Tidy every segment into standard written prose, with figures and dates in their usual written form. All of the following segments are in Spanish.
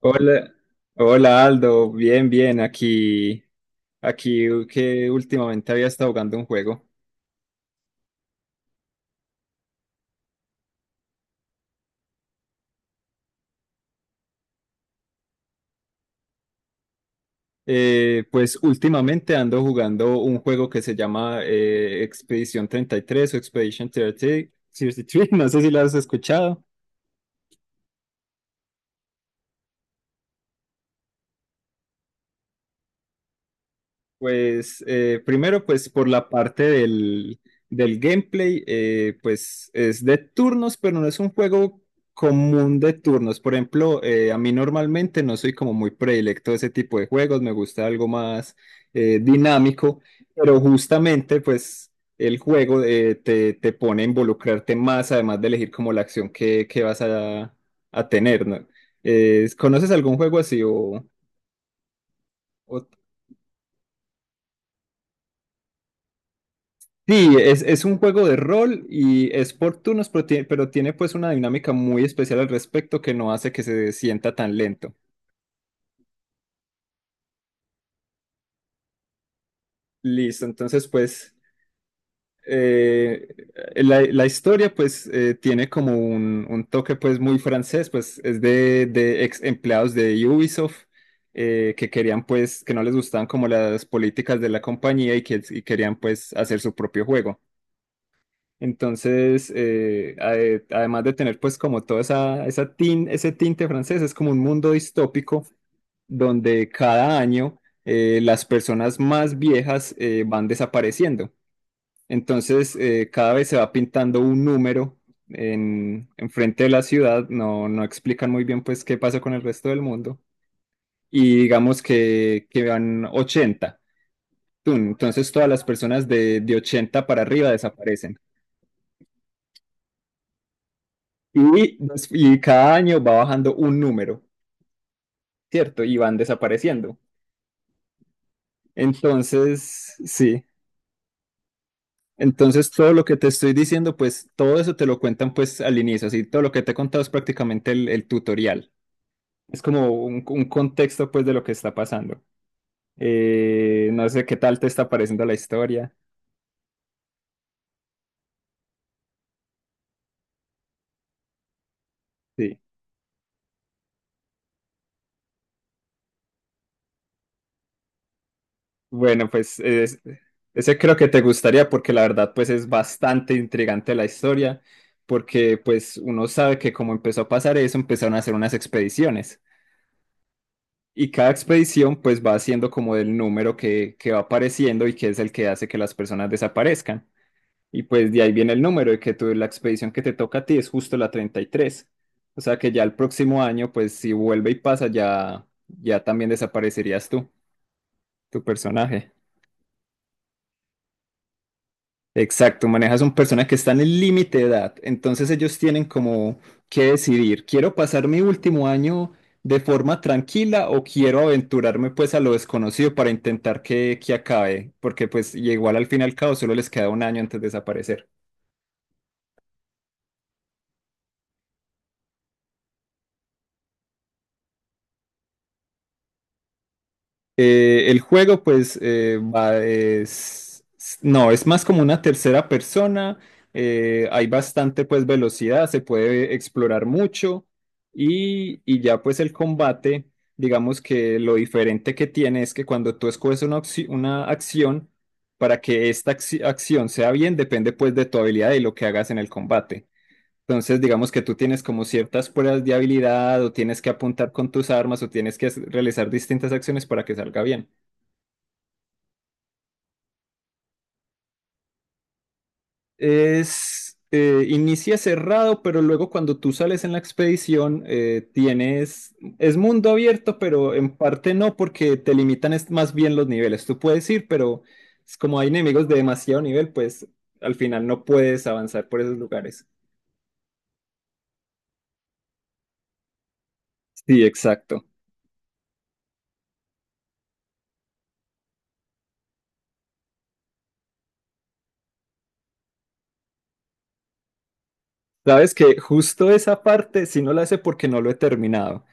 Hola, hola Aldo, bien, bien, aquí, aquí que últimamente había estado jugando un juego. Pues últimamente ando jugando un juego que se llama Expedición 33 o Expedition 30 33, no sé si lo has escuchado. Pues primero, pues por la parte del gameplay, pues es de turnos, pero no es un juego común de turnos. Por ejemplo, a mí normalmente no soy como muy predilecto de ese tipo de juegos, me gusta algo más dinámico, pero justamente pues el juego te pone a involucrarte más, además de elegir como la acción que vas a tener, ¿no? ¿Conoces algún juego así o sí, es un juego de rol y es por turnos, pero tiene pues una dinámica muy especial al respecto que no hace que se sienta tan lento. Listo, entonces pues eh, la historia pues tiene como un toque pues muy francés, pues es de ex empleados de Ubisoft que querían pues, que no les gustaban como las políticas de la compañía y que y querían pues hacer su propio juego. Entonces, además de tener pues como toda ese tinte francés, es como un mundo distópico donde cada año las personas más viejas van desapareciendo. Entonces, cada vez se va pintando un número en frente de la ciudad. No, no explican muy bien pues qué pasa con el resto del mundo. Y digamos que van 80. Entonces, todas las personas de 80 para arriba desaparecen. Y cada año va bajando un número, ¿cierto? Y van desapareciendo. Entonces, sí. Entonces, todo lo que te estoy diciendo, pues todo eso te lo cuentan pues al inicio, así todo lo que te he contado es prácticamente el tutorial. Es como un contexto pues de lo que está pasando. No sé qué tal te está pareciendo la historia. Sí. Bueno, pues es- ese creo que te gustaría porque la verdad pues es bastante intrigante la historia, porque pues uno sabe que como empezó a pasar eso, empezaron a hacer unas expediciones y cada expedición pues va haciendo como el número que va apareciendo y que es el que hace que las personas desaparezcan. Y pues de ahí viene el número de que tú, la expedición que te toca a ti es justo la 33. O sea que ya el próximo año pues si vuelve y pasa ya, ya también desaparecerías tú, tu personaje. Exacto, manejas un personaje que está en el límite de edad, entonces ellos tienen como que decidir, ¿quiero pasar mi último año de forma tranquila o quiero aventurarme pues a lo desconocido para intentar que acabe? Porque pues y igual al fin y al cabo solo les queda un año antes de desaparecer. El juego, pues, es, no, es más como una tercera persona. Hay bastante, pues, velocidad, se puede explorar mucho. Ya, pues, el combate, digamos que lo diferente que tiene es que cuando tú escoges una, una acción, para que esta acción sea bien, depende, pues, de tu habilidad y lo que hagas en el combate. Entonces, digamos que tú tienes como ciertas pruebas de habilidad o tienes que apuntar con tus armas o tienes que hacer- realizar distintas acciones para que salga bien. Es, inicia cerrado, pero luego cuando tú sales en la expedición, es mundo abierto, pero en parte no, porque te limitan es más bien los niveles. Tú puedes ir, pero es como hay enemigos de demasiado nivel, pues al final no puedes avanzar por esos lugares. Sí, exacto. Sabes que justo esa parte, sí no la sé porque no lo he terminado.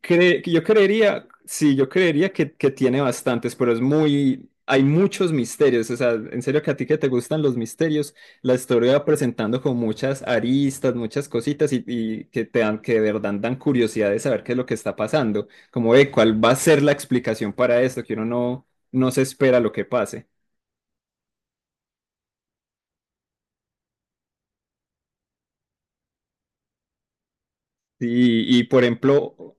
Cre- yo creería, sí, yo creería que tiene bastantes, pero es muy, hay muchos misterios, o sea, en serio que a ti que te gustan los misterios, la historia va presentando con muchas aristas, muchas cositas y que te dan, que de verdad dan curiosidad de saber qué es lo que está pasando, como de cuál va a ser la explicación para esto, que uno no, no se espera lo que pase. Por ejemplo,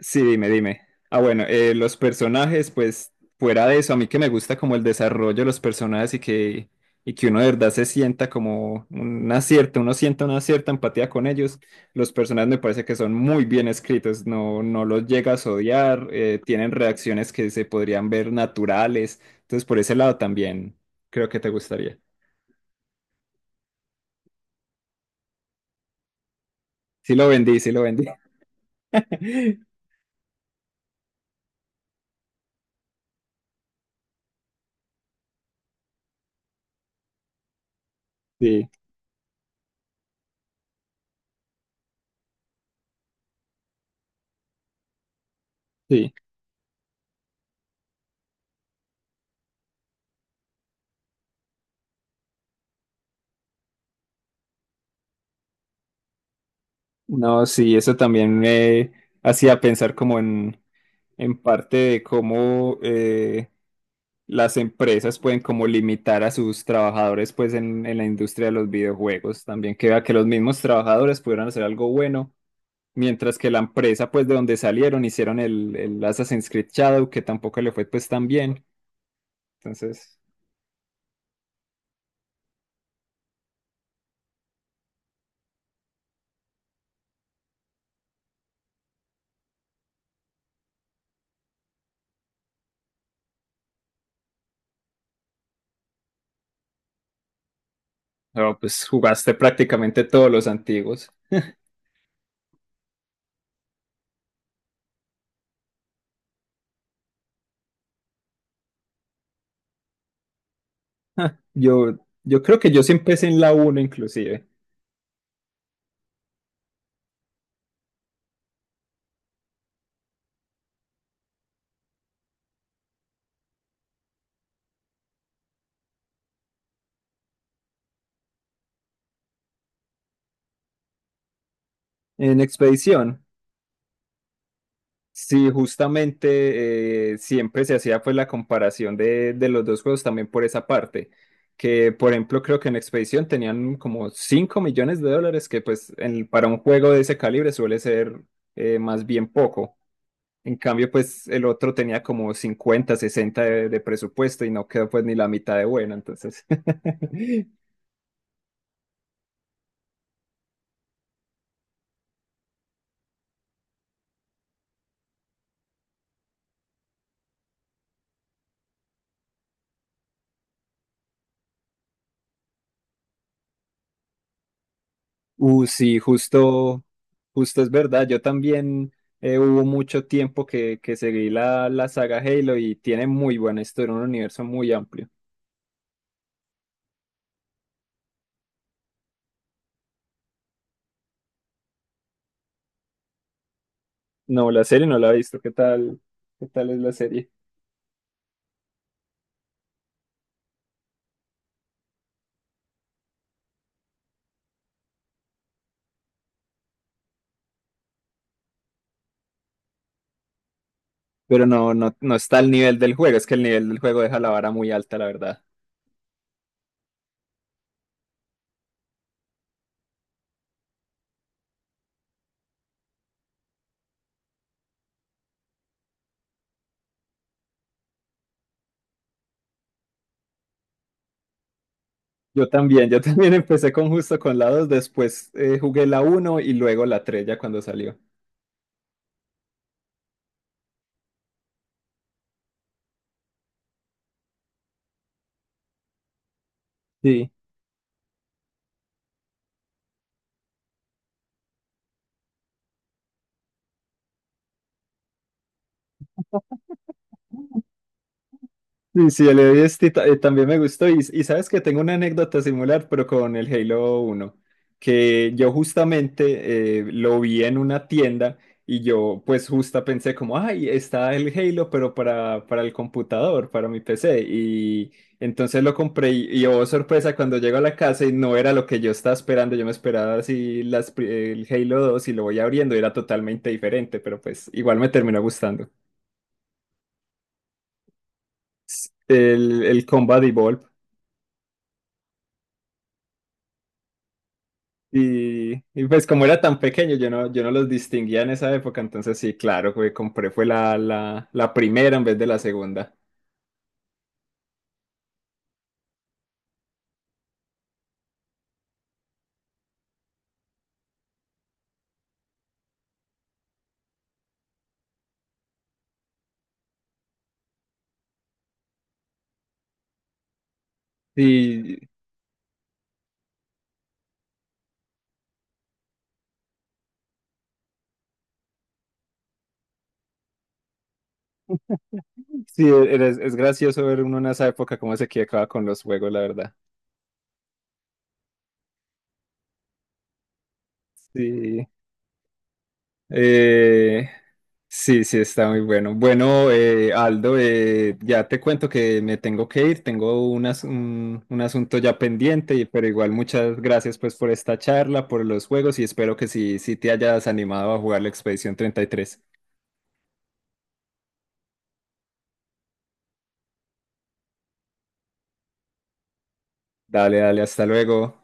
sí, dime, dime. Ah, bueno, los personajes, pues fuera de eso, a mí que me gusta como el desarrollo de los personajes y que uno de verdad se sienta como una cierta, uno sienta una cierta empatía con ellos. Los personajes me parece que son muy bien escritos, no, no los llegas a odiar, tienen reacciones que se podrían ver naturales. Entonces, por ese lado también creo que te gustaría. Sí lo vendí, sí lo vendí. Sí, sí. No, sí, eso también me hacía pensar como en parte de cómo las empresas pueden como limitar a sus trabajadores pues en la industria de los videojuegos. También que vea que los mismos trabajadores pudieran hacer algo bueno, mientras que la empresa pues de donde salieron hicieron el Assassin's Creed Shadow, que tampoco le fue pues tan bien. Entonces, no, pues jugaste prácticamente todos los antiguos. Yo, yo creo que yo sí empecé en la uno inclusive, en Expedición. Sí, justamente siempre se hacía pues la comparación de los dos juegos también por esa parte, que por ejemplo creo que en Expedición tenían como 5 millones de dólares, que pues en- para un juego de ese calibre suele ser más bien poco. En cambio pues el otro tenía como 50 60 de presupuesto y no quedó pues ni la mitad de bueno, entonces sí, justo, justo es verdad. Yo también hubo mucho tiempo que seguí la saga Halo y tiene muy buena historia, un universo muy amplio. No, la serie no la he visto. ¿Qué tal? ¿Qué tal es la serie? Pero no, no, no está al nivel del juego. Es que el nivel del juego deja la vara muy alta, la verdad. Yo también empecé con justo con la 2 después jugué la uno y luego la 3 ya cuando salió. Sí. Sí, sí, el Heavy Dust ta- también me gustó. Sabes que tengo una anécdota similar, pero con el Halo uno que yo justamente lo vi en una tienda y yo pues justa pensé como, ay, está el Halo, pero para el computador, para mi PC. Y entonces lo compré y oh, sorpresa, cuando llego a la casa y no era lo que yo estaba esperando, yo me esperaba así el Halo 2 y lo voy abriendo y era totalmente diferente, pero pues igual me terminó gustando. El Combat Evolved. Pues como era tan pequeño, yo no los distinguía en esa época, entonces sí, claro, que compré fue la primera en vez de la segunda. Y sí, es gracioso ver uno en esa época cómo se equivocaba con los juegos, la verdad. Sí. Eh, sí, está muy bueno. Bueno, Aldo, ya te cuento que me tengo que ir, tengo un asunto ya pendiente, y- pero igual muchas gracias pues por esta charla, por los juegos y espero que sí, sí te hayas animado a jugar la Expedición 33. Dale, dale, hasta luego.